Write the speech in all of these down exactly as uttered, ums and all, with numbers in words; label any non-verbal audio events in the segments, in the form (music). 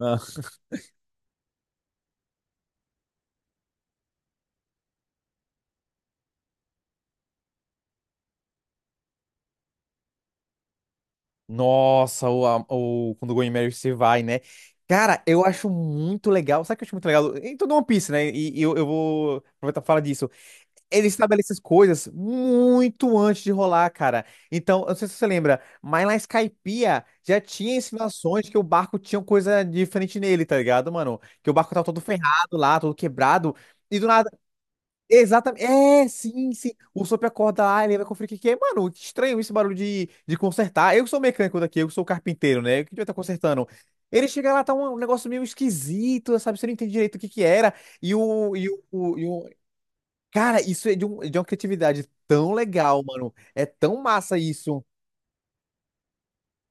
Ah. Nossa, o, a- o quando o Going Mary se vai, né? Cara, eu acho muito legal. Sabe o que eu acho muito legal? Em todo One Piece, né? E, e eu, eu vou aproveitar e falar disso. Ele estabelece as coisas muito antes de rolar, cara. Então, eu não sei se você lembra, mas na Skypiea já tinha insinuações que o barco tinha coisa diferente nele, tá ligado, mano? Que o barco tava todo ferrado lá, todo quebrado. E do nada. Exatamente. É, sim, sim. O Sop acorda lá, ele vai conferir o que que é. Mano, que estranho esse barulho de, de consertar. Eu que sou mecânico daqui, eu que sou carpinteiro, né? O que devia estar consertando? Ele chega lá, tá um, um negócio meio esquisito, sabe? Você não entende direito o que que era. E o, e o, o- e o... Cara, isso é de, um, é de uma criatividade tão legal, mano. É tão massa isso.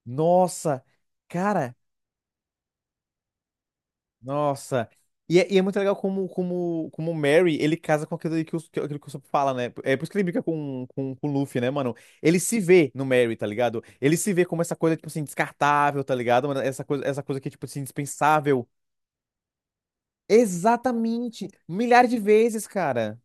Nossa, cara. Nossa. E é, e é muito legal como, como, como o Merry, ele casa com aquilo que o, que, aquilo que o Sop fala, né? É por isso que ele brinca com, com, com o Luffy, né, mano? Ele se vê no Merry, tá ligado? Ele se vê como essa coisa, tipo assim, descartável, tá ligado? Mano, Essa coisa, essa coisa que é, tipo assim, indispensável. Exatamente. Milhares de vezes, cara.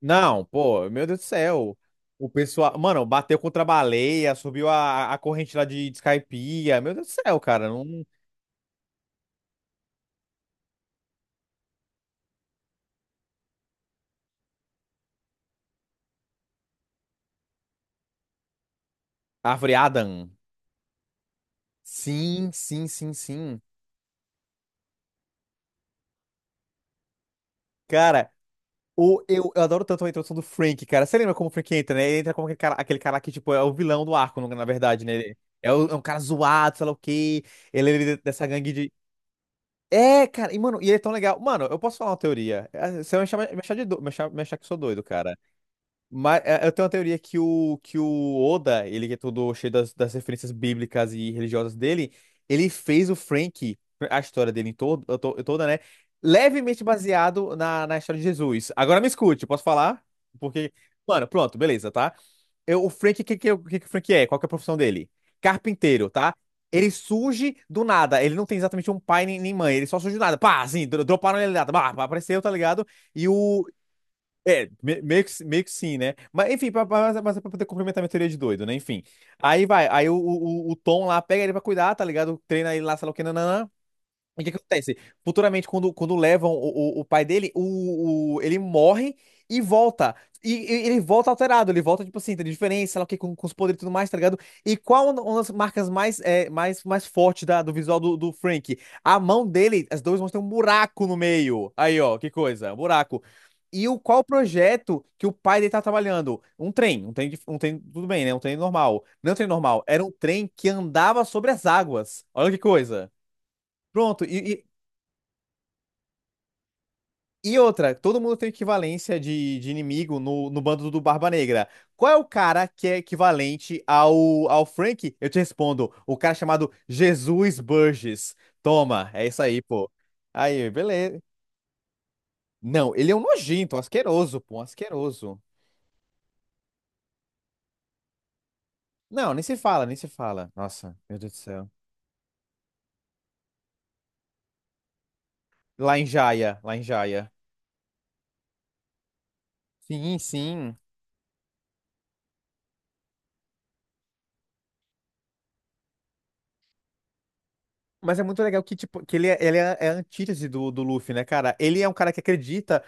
Não, pô, meu Deus do céu. O pessoal, mano, bateu contra a baleia, subiu a, a corrente lá de, de Skypiea. Meu Deus do céu, cara. Não... Árvore Adam. Sim, sim, sim, sim. Cara, o eu, eu adoro tanto a introdução do Frank, cara. Você lembra como o Frank entra, né? Ele entra como aquele cara, aquele cara que, tipo, é o vilão do arco, na na verdade, né? Ele é, o- é um cara zoado, sei lá o quê. Ele é líder dessa gangue de. É, cara, e, mano, e ele é tão legal. Mano, eu posso falar uma teoria. É, você vai me chamar- me achar, de do... me achar, me achar que eu sou doido, cara. Mas é, eu tenho uma teoria que o, que o Oda, ele que é todo cheio das, das referências bíblicas e religiosas dele, ele fez o Frank, a história dele em todo, to- toda, né? Levemente baseado na, na história de Jesus. Agora me escute, posso falar? Porque, mano, pronto, beleza, tá? Eu, o Frank, o que, que, o que que o Frank é? Qual que é a profissão dele? Carpinteiro, tá? Ele surge do nada. Ele não tem exatamente um pai nem, nem mãe. Ele só surge do nada. Pá, assim, dro- droparam ele do nada. Pá, apareceu, tá ligado? E o, é, me- meio que, meio que sim, né? Mas enfim, pra, pra- mas, mas é pra poder complementar a minha teoria de doido, né? Enfim. Aí vai, aí o, o, o Tom lá pega ele pra cuidar, tá ligado? Treina ele lá, sei lá o que, nananã. O que que acontece? Futuramente, quando, quando levam o, o, o pai dele, o, o- ele morre e volta. E, e ele volta alterado, ele volta, tipo assim, tá de diferença, sei lá o que, com, com os poderes e tudo mais, tá ligado? E qual é uma uma das marcas mais, é, mais, mais fortes da, do visual do, do Frank? A mão dele, as duas mãos têm um buraco no meio. Aí, ó, que coisa, um buraco. E o, qual o projeto que o pai dele tá trabalhando? Um trem, um trem, de- um trem, tudo bem, né? Um trem normal. Não é um trem normal, era um trem que andava sobre as águas. Olha que coisa. Pronto, e, E outra, todo mundo tem equivalência de, de inimigo no, no bando do Barba Negra. Qual é o cara que é equivalente ao, ao Frank? Eu te respondo, o cara chamado Jesus Burgess. Toma, é isso aí, pô. Aí, beleza. Não, ele é um nojento, um asqueroso, pô, um asqueroso. Não, nem se fala, nem se fala. Nossa, meu Deus do céu. Lá em Jaya, lá em Jaya. Sim, sim. Mas é muito legal que, tipo, que ele é, ele é, é a antítese do, do Luffy, né, cara? Ele é um cara que acredita.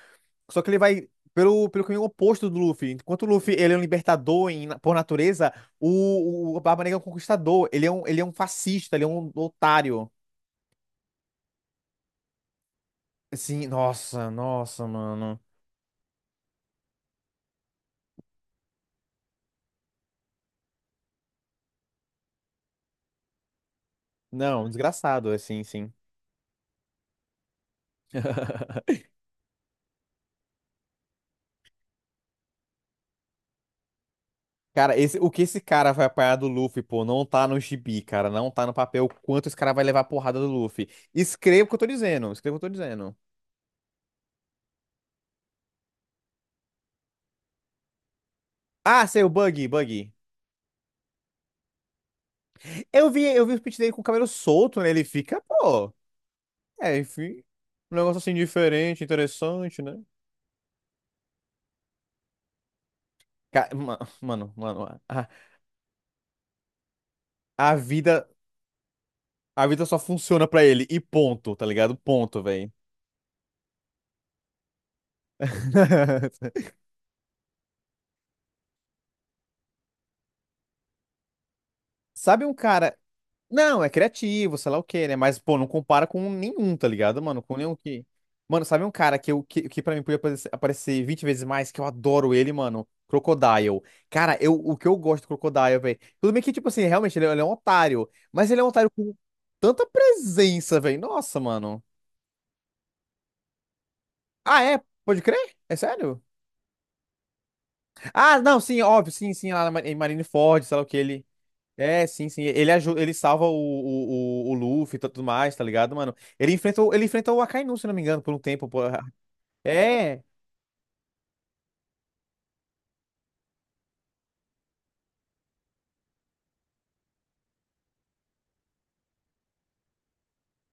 Só que ele vai pelo, pelo caminho oposto do Luffy. Enquanto o Luffy ele é um libertador em- por natureza, o, o Barba Negra é um conquistador. Ele é um, ele é um fascista, ele é um otário. Assim, nossa, nossa, mano. Não, desgraçado, assim, sim. (laughs) Cara, esse, o que esse cara vai apanhar do Luffy, pô, não tá no gibi, cara. Não tá no papel o quanto esse cara vai levar a porrada do Luffy. Escreva o que eu tô dizendo, escreva o que eu tô dizendo. Ah, sei, o Buggy, Buggy. Eu vi, eu vi o speech dele com o cabelo solto, né? Ele fica, pô. É, enfim. Um negócio assim diferente, interessante, né? Ca- ma- Mano, mano, a, a vida, a vida só funciona pra ele. E ponto, tá ligado? Ponto, velho. (laughs) Sabe um cara. Não, é criativo, sei lá o quê, né? Mas, pô, não compara com nenhum, tá ligado, mano? Com nenhum que. Mano, sabe um cara que, eu, que, que pra mim podia aparecer, aparecer vinte vezes mais, que eu adoro ele, mano? Crocodile. Cara, eu, o que eu gosto do Crocodile, velho. Tudo bem que, tipo assim, realmente ele, é ele é um otário. Mas ele é um otário com tanta presença, velho. Nossa, mano. Ah, é? Pode crer? É sério? Ah, não, sim, óbvio, sim, sim, lá na Ma- em Marineford, sei lá o que ele. É, sim, sim. Ele ajuda, ele salva o, o, o, o Luffy e tudo mais, tá ligado, mano? Ele enfrentou, ele enfrentou o Akainu, se não me engano, por um tempo. Pô. É.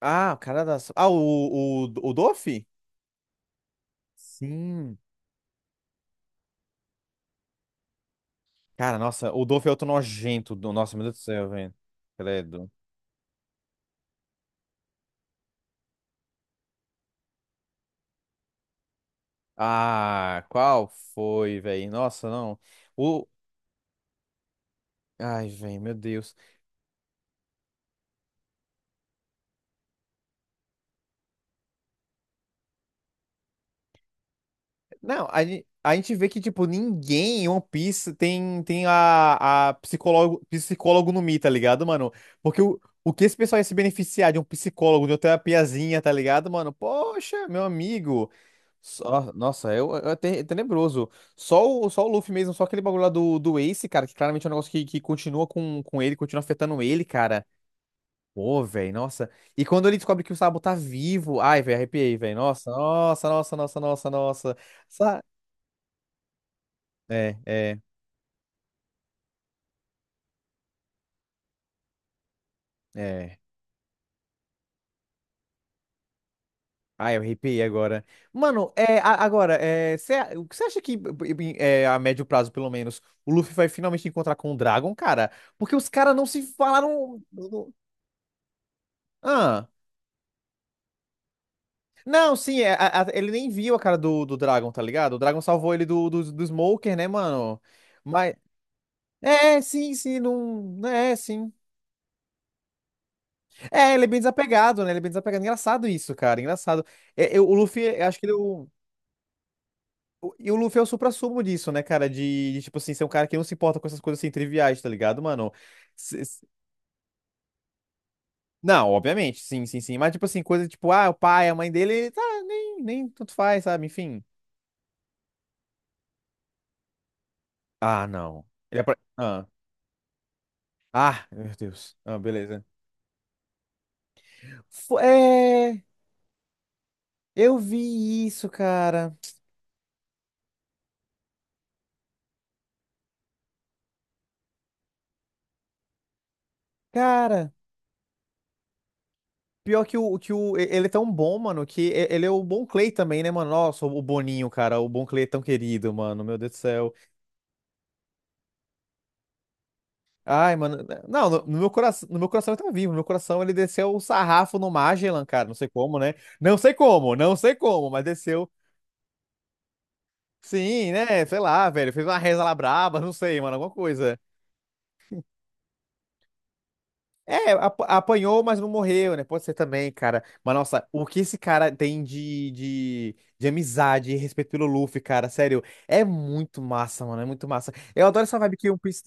Ah, o cara da. Ah, o, o, o Doffy? Sim. Cara, nossa, o Doffy é outro nojento. do- Nossa, meu Deus do céu, velho. Credo. Ah, qual foi, velho? Nossa, não. O. Ai, velho, meu Deus. Não, a, gen- a gente vê que, tipo, ninguém em One Piece tem, tem a, a psicólogo, psicólogo no Mi, tá ligado, mano? Porque o, o que esse pessoal ia se beneficiar de um psicólogo, de uma terapiazinha, tá ligado, mano? Poxa, meu amigo. Só, nossa, é, o- é, o te- é tenebroso. Só o, só o Luffy mesmo, só aquele bagulho lá do, do Ace, cara, que claramente é um negócio que, que continua com, com ele, continua afetando ele, cara. Pô, velho, nossa. E quando ele descobre que o Sabo tá vivo. Ai, velho, arrepiei, velho. Nossa, nossa, nossa, nossa, nossa, nossa. É, é, é. Ah, eu arrepiei agora. Mano, é, a- agora, é, cê, o que você acha que, em- é, a médio prazo, pelo menos, o Luffy vai finalmente encontrar com o Dragon, cara? Porque os caras não se falaram. Ah. Não, sim, é, a- a- ele nem viu a cara do, do Dragon, tá ligado? O Dragon salvou ele do, do, do Smoker, né, mano? Mas. É, sim, sim, não. É, sim. É, ele é bem desapegado, né? Ele é bem desapegado. Engraçado isso, cara. Engraçado. É, eu- o Luffy, eu acho que ele. o- E o Luffy é o suprassumo disso, né, cara? De, de, tipo assim, ser um cara que não se importa com essas coisas assim triviais, tá ligado, mano? Se- se- Não, obviamente, sim, sim, sim. Mas, tipo assim, coisa tipo, ah, o pai, a mãe dele, tá, nem, nem tanto faz, sabe? Enfim. Ah, não. Ele apare- Ah. Ah, meu Deus. Ah, beleza. Fo- É. Eu vi isso, cara. Cara. Pior que o, que o. e- Ele é tão bom, mano, que e- ele é o bom Clay também, né, mano? Nossa, o Boninho, cara. O bom Clay é tão querido, mano. Meu Deus do céu. Ai, mano. Não, no, no meu coração, no meu coração ele tá vivo. No meu coração ele desceu o sarrafo no Magellan, cara. Não sei como, né? Não sei como, não sei como, mas desceu. Sim, né? Sei lá, velho. Fez uma reza lá braba, não sei, mano, alguma coisa. É, ap- apanhou, mas não morreu, né? Pode ser também, cara. Mas nossa, o que esse cara tem de, de, de amizade e respeito pelo Luffy, cara, sério, é muito massa, mano. É muito massa. Eu adoro essa vibe que One Piece.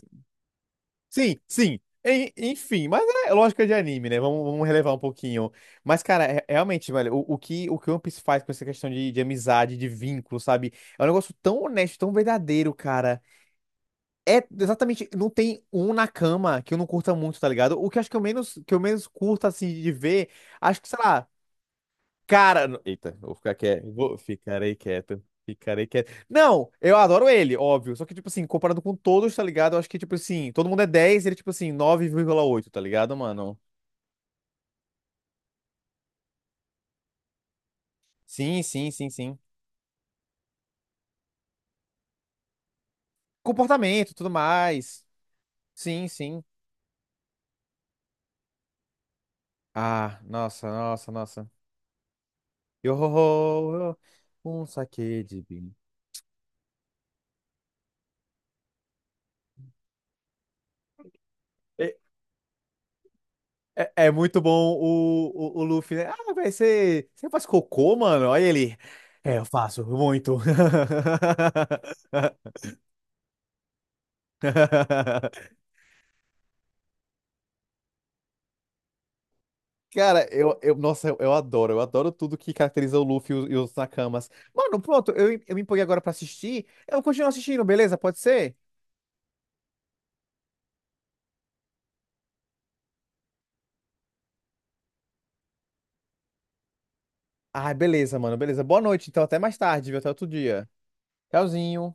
Sim, sim. En- Enfim, mas é lógica de anime, né? Vamos, vamos relevar um pouquinho. Mas, cara, é- realmente, velho, o, o que o que One Piece faz com essa questão de, de amizade, de vínculo, sabe? É um negócio tão honesto, tão verdadeiro, cara. É exatamente, não tem um na cama que eu não curta muito, tá ligado? O que eu acho que eu menos, que eu menos, curto, assim, de ver, acho que, sei lá. Cara, n- eita, vou ficar quieto. Vou... Ficarei quieto. Ficarei quieto. Não, eu adoro ele, óbvio. Só que, tipo assim, comparado com todos, tá ligado? Eu acho que, tipo assim, todo mundo é dez, ele, tipo assim, nove vírgula oito, tá ligado, mano? Sim, sim, sim, sim. Comportamento, tudo mais. Sim, sim. Ah, nossa, nossa, nossa. Yo, ho, ho, um saque de vinho. É, é- É muito bom o, o, o Luffy, né? Ah, velho, você, você faz cocô, mano? Olha ele. É, eu faço muito. (laughs) (laughs) Cara, eu, eu, nossa, eu, eu adoro, eu adoro tudo que caracteriza o Luffy e os, e os, Nakamas. Mano, pronto, eu, eu me empolguei agora pra assistir. Eu continuo assistindo, beleza? Pode ser? Ah, beleza, mano, beleza. Boa noite, então, até mais tarde, viu? Até outro dia. Tchauzinho.